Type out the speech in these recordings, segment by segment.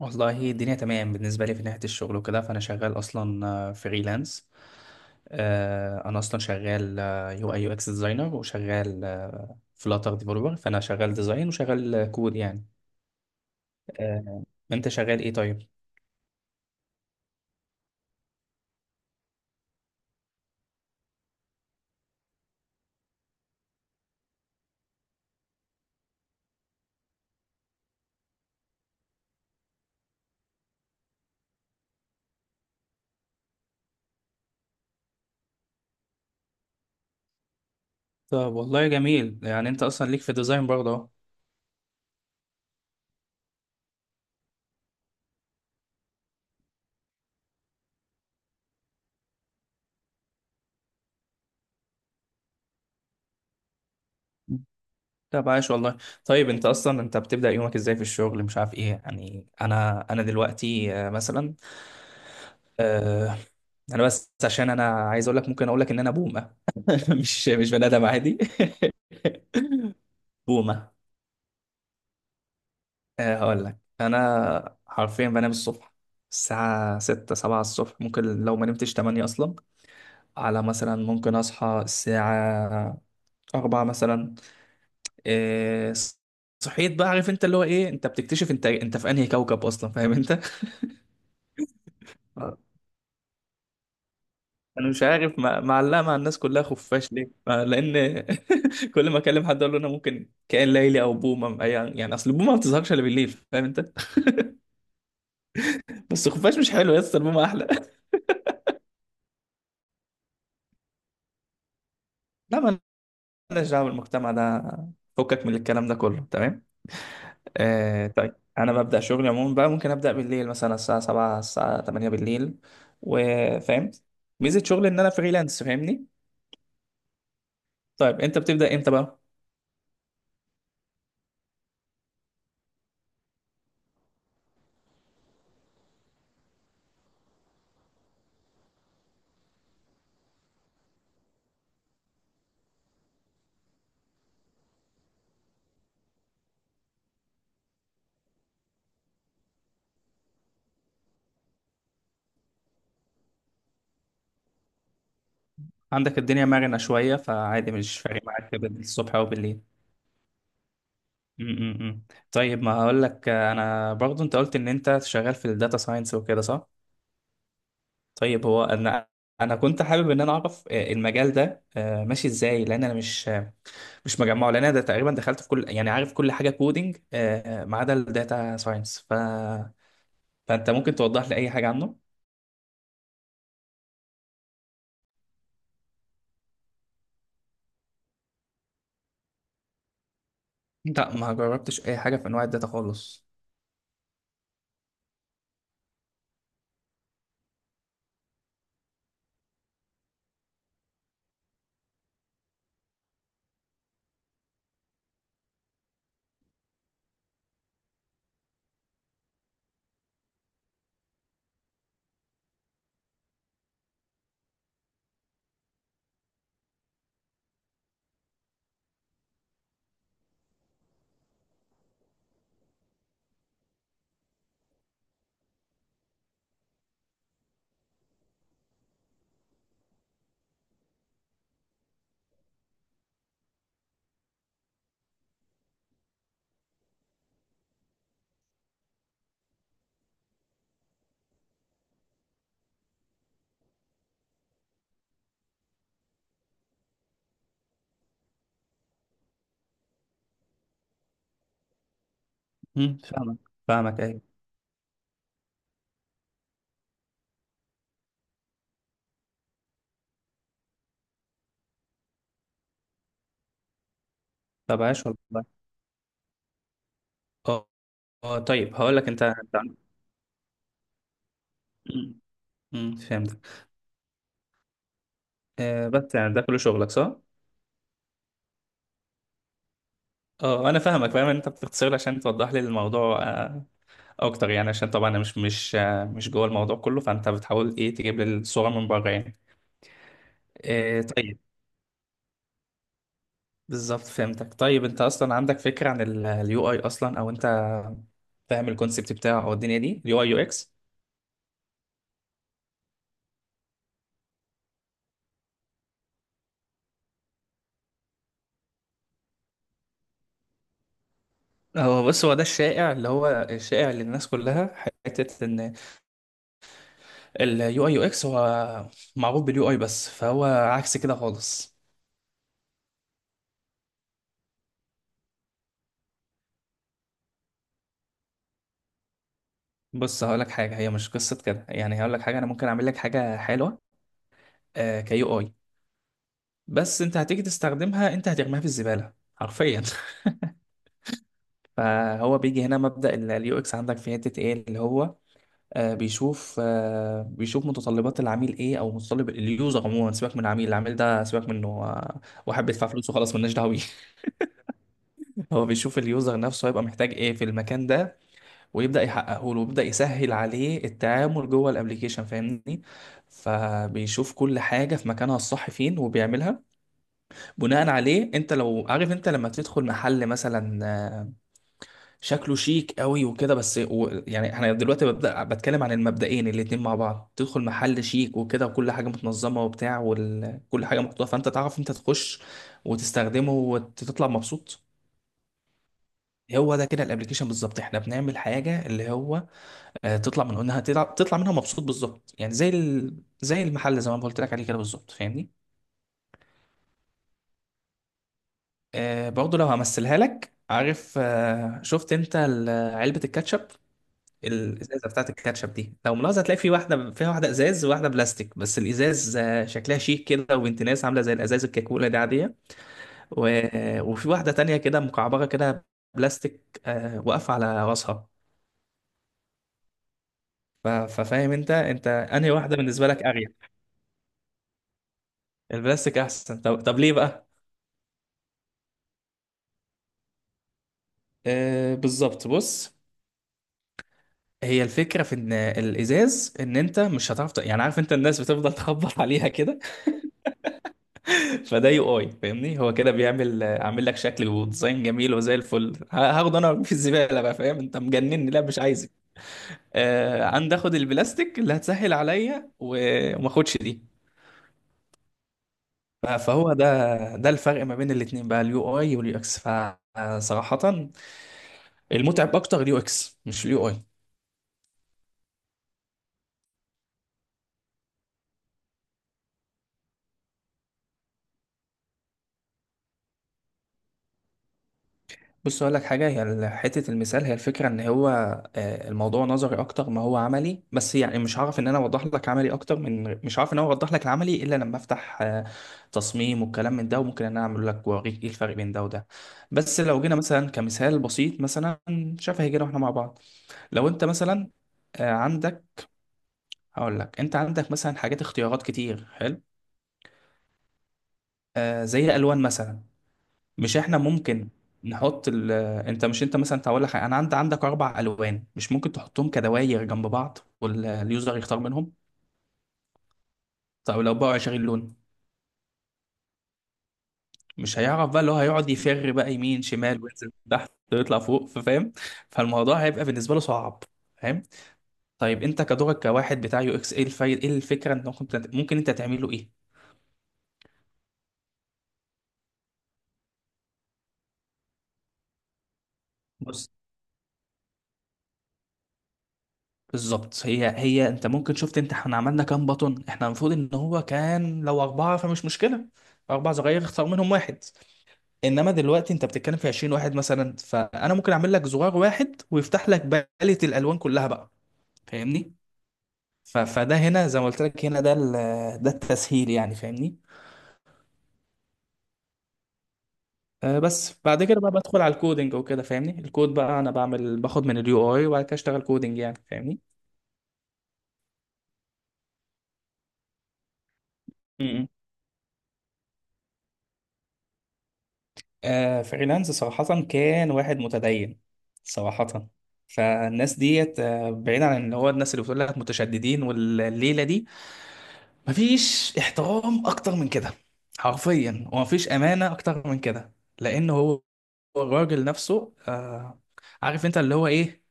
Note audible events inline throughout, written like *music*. والله الدنيا تمام بالنسبة لي في ناحية الشغل وكده، فأنا شغال أصلا فريلانس. أنا أصلا شغال يو أي يو إكس ديزاينر وشغال فلاتر ديفلوبر، فأنا شغال ديزاين وشغال كود يعني. آه. أنت شغال إيه طيب؟ طب والله جميل، يعني أنت أصلا ليك في الديزاين برضه أهو. طب عايش والله. طيب أنت بتبدأ يومك إزاي في الشغل، مش عارف إيه يعني. أنا دلوقتي مثلا. آه، انا بس عشان انا عايز اقول لك ممكن اقول لك ان انا بوم. *laughs* مش بني ادم عادي. *laughs* بومة. هقول لك انا حرفيا بنام الصبح، الساعة ستة سبعة الصبح، ممكن لو ما نمتش تمانية أصلا. على، مثلا ممكن أصحى الساعة أربعة مثلا. إيه، صحيت بقى، عارف أنت اللي هو إيه، أنت بتكتشف أنت في أنهي كوكب أصلا، فاهم أنت. *laughs* آه. أنا مش عارف معلقة مع الناس كلها خفاش ليه، لأن *laughs* كل ما أكلم حد أقول له أنا ممكن كائن ليلي أو بومة يعني أصل البومة ما بتظهرش إلا بالليل، فاهم أنت. بس الخفاش مش حلو يا اسطى، المهم احلى. *laughs* لا، ما لناش دعوه بالمجتمع ده، فكك من الكلام ده كله، تمام. آه، طيب انا ببدا شغلي عموما بقى، ممكن ابدا بالليل مثلا الساعه 7 الساعه 8 بالليل. وفاهم ميزه شغلي ان انا فريلانس، فاهمني. طيب انت بتبدا امتى بقى؟ عندك الدنيا مرنه شويه، فعادي مش فارق معاك الصبح او بالليل. م- م- م. طيب ما هقول لك، انا برضو انت قلت ان انت شغال في الداتا ساينس وكده، صح؟ طيب هو انا كنت حابب ان انا اعرف المجال ده ماشي ازاي، لان انا مش مش مجمعه، لان انا ده تقريبا دخلت في كل، يعني عارف، كل حاجه كودينج ما عدا الداتا ساينس فانت ممكن توضح لي اي حاجه عنه؟ لا، ما جربتش اي حاجه في انواع الداتا خالص. فاهمك فاهمك، ايوه. طب عاش والله. اه. طيب هقول لك انت مم، فهمتك. بس يعني ده كل شغلك، صح؟ اه، انا فاهمك، فاهم ان انت بتختصر لي عشان توضح لي الموضوع اكتر، يعني عشان طبعا انا مش جوه الموضوع كله، فانت بتحاول ايه، تجيب لي الصوره من بره يعني. إيه، طيب. بالظبط فهمتك. طيب انت اصلا عندك فكره عن اليو اي اصلا، او انت فاهم الكونسبت بتاعه، او الدنيا دي اليو اي يو اكس؟ هو بص، هو ده الشائع، اللي هو الشائع للناس كلها حته ان اليو اي يو اكس هو معروف باليو اي، بس فهو عكس كده خالص. بص هقول لك حاجه، هي مش قصه كده يعني، هقول لك حاجه، انا ممكن اعمل لك حاجه حلوه كيو اي، بس انت هتيجي تستخدمها، انت هترميها في الزبالة حرفيا. *laughs* فهو بيجي هنا مبدأ اليو اكس، عندك في حتة ايه اللي هو بيشوف متطلبات العميل ايه، او متطلب اليوزر عموما، سيبك من العميل، العميل ده سيبك منه واحد بيدفع فلوسه، خلاص ملناش دعوه بيه. *laughs* هو بيشوف اليوزر نفسه هيبقى محتاج ايه في المكان ده، ويبدأ يحققه له، ويبدأ يسهل عليه التعامل جوه الابليكيشن، فاهمني. فبيشوف كل حاجة في مكانها الصح فين وبيعملها. بناء عليه، انت لو عارف، انت لما تدخل محل مثلا شكله شيك قوي وكده، بس و يعني احنا دلوقتي ببدأ بتكلم عن المبدئين الاتنين مع بعض، تدخل محل شيك وكده وكل حاجة متنظمة وبتاع وكل حاجة محطوطة، فانت تعرف انت تخش وتستخدمه وتطلع مبسوط. هو ده كده الابليكيشن بالظبط، احنا بنعمل حاجة اللي هو تطلع من انها تطلع منها مبسوط بالظبط، يعني زي زي المحل، زي ما أنا قلت لك عليه كده بالظبط، فاهمني. برضه لو همثلها لك، عارف شفت انت علبة الكاتشب، الازازة بتاعت الكاتشب دي لو ملاحظة، هتلاقي في واحدة فيها واحدة ازاز وواحدة بلاستيك، بس الازاز شكلها شيك كده وبنت ناس عاملة زي الازاز، الكاكولا دي عادية. و... آه، وفي واحدة تانية كده مكعبرة كده بلاستيك واقفة على راسها. ففاهم انت انهي واحدة بالنسبة لك اريح؟ البلاستيك احسن. طب ليه بقى؟ آه بالظبط، بص، هي الفكرة في ان الازاز، ان انت مش هتعرف يعني عارف انت الناس بتفضل *laughs* تخبط عليها كده. *laughs* فده يو اي فاهمني، هو كده بيعمل عامل لك شكل وديزاين جميل وزي الفل، هاخده انا في الزبالة بقى، فاهم انت؟ مجنني، لا مش عايزك. عندي اخد البلاستيك اللي هتسهل عليا، و- وما اخدش دي. فهو ده الفرق ما بين الاتنين بقى، اليو اي واليو اكس، فصراحة المتعب اكتر اليو اكس، مش اليو اي. بص اقول لك حاجه، هي حته المثال، هي الفكره ان هو الموضوع نظري اكتر ما هو عملي، بس يعني مش هعرف ان انا اوضح لك عملي اكتر من، مش هعرف ان انا اوضح لك العملي الا لما افتح تصميم والكلام من ده، وممكن ان انا اعمل لك واوريك ايه الفرق بين ده وده. بس لو جينا مثلا كمثال بسيط مثلا شفهي، جينا واحنا مع بعض، لو انت مثلا عندك، هقول لك انت عندك مثلا حاجات اختيارات كتير، حلو. زي الالوان مثلا، مش احنا ممكن نحط انت مش انت مثلا هقول لك انا عندك اربع الوان، مش ممكن تحطهم كدواير جنب بعض واليوزر يختار منهم؟ طب لو بقى 20 لون، مش هيعرف بقى، اللي هو هيقعد يفر بقى يمين شمال وينزل تحت ويطلع فوق، فاهم؟ فالموضوع هيبقى بالنسبه له صعب، فاهم؟ طيب انت كدورك كواحد بتاع يو اكس، ايه الفايد، ايه الفكره، انت ممكن انت تعمله ايه؟ بص بالظبط، هي انت ممكن، شفت انت احنا عملنا كام بطن، احنا المفروض ان هو كان لو اربعه فمش مشكله، اربع صغير اختار منهم واحد. انما دلوقتي انت بتتكلم في 20 واحد مثلا، فانا ممكن اعمل لك زرار واحد ويفتح لك باليت الالوان كلها بقى، فاهمني. فده هنا زي ما قلت لك، هنا ده ده التسهيل يعني، فاهمني. بس بعد كده بقى بدخل على الكودينج وكده، فاهمني. الكود بقى انا بعمل، باخد من اليو اي وبعد كده اشتغل كودينج يعني، فاهمني. آه فريلانس صراحة كان واحد متدين صراحة. فالناس ديت، بعيد عن اللي هو الناس اللي بتقول لك متشددين والليلة دي، مفيش احترام أكتر من كده حرفيا، ومفيش أمانة أكتر من كده. لأن هو الراجل نفسه عارف أنت اللي هو إيه،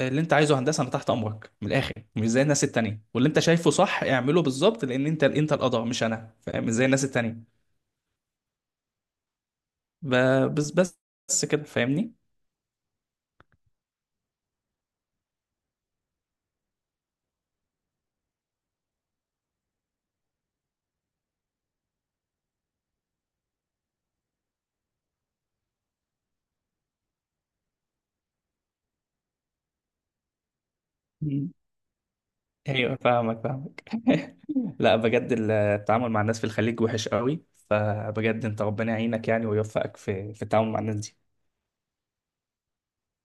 اللي أنت عايزه، هندسة أنا تحت أمرك من الآخر، مش زي الناس التانية، واللي أنت شايفه صح اعمله بالظبط، لأن أنت القدر مش أنا، فاهم، مش زي الناس التانية. بس كده، فاهمني. ايوه فاهمك فاهمك. *laughs* لا بجد التعامل مع الناس في الخليج وحش قوي، فبجد انت ربنا يعينك يعني ويوفقك في التعامل مع الناس دي.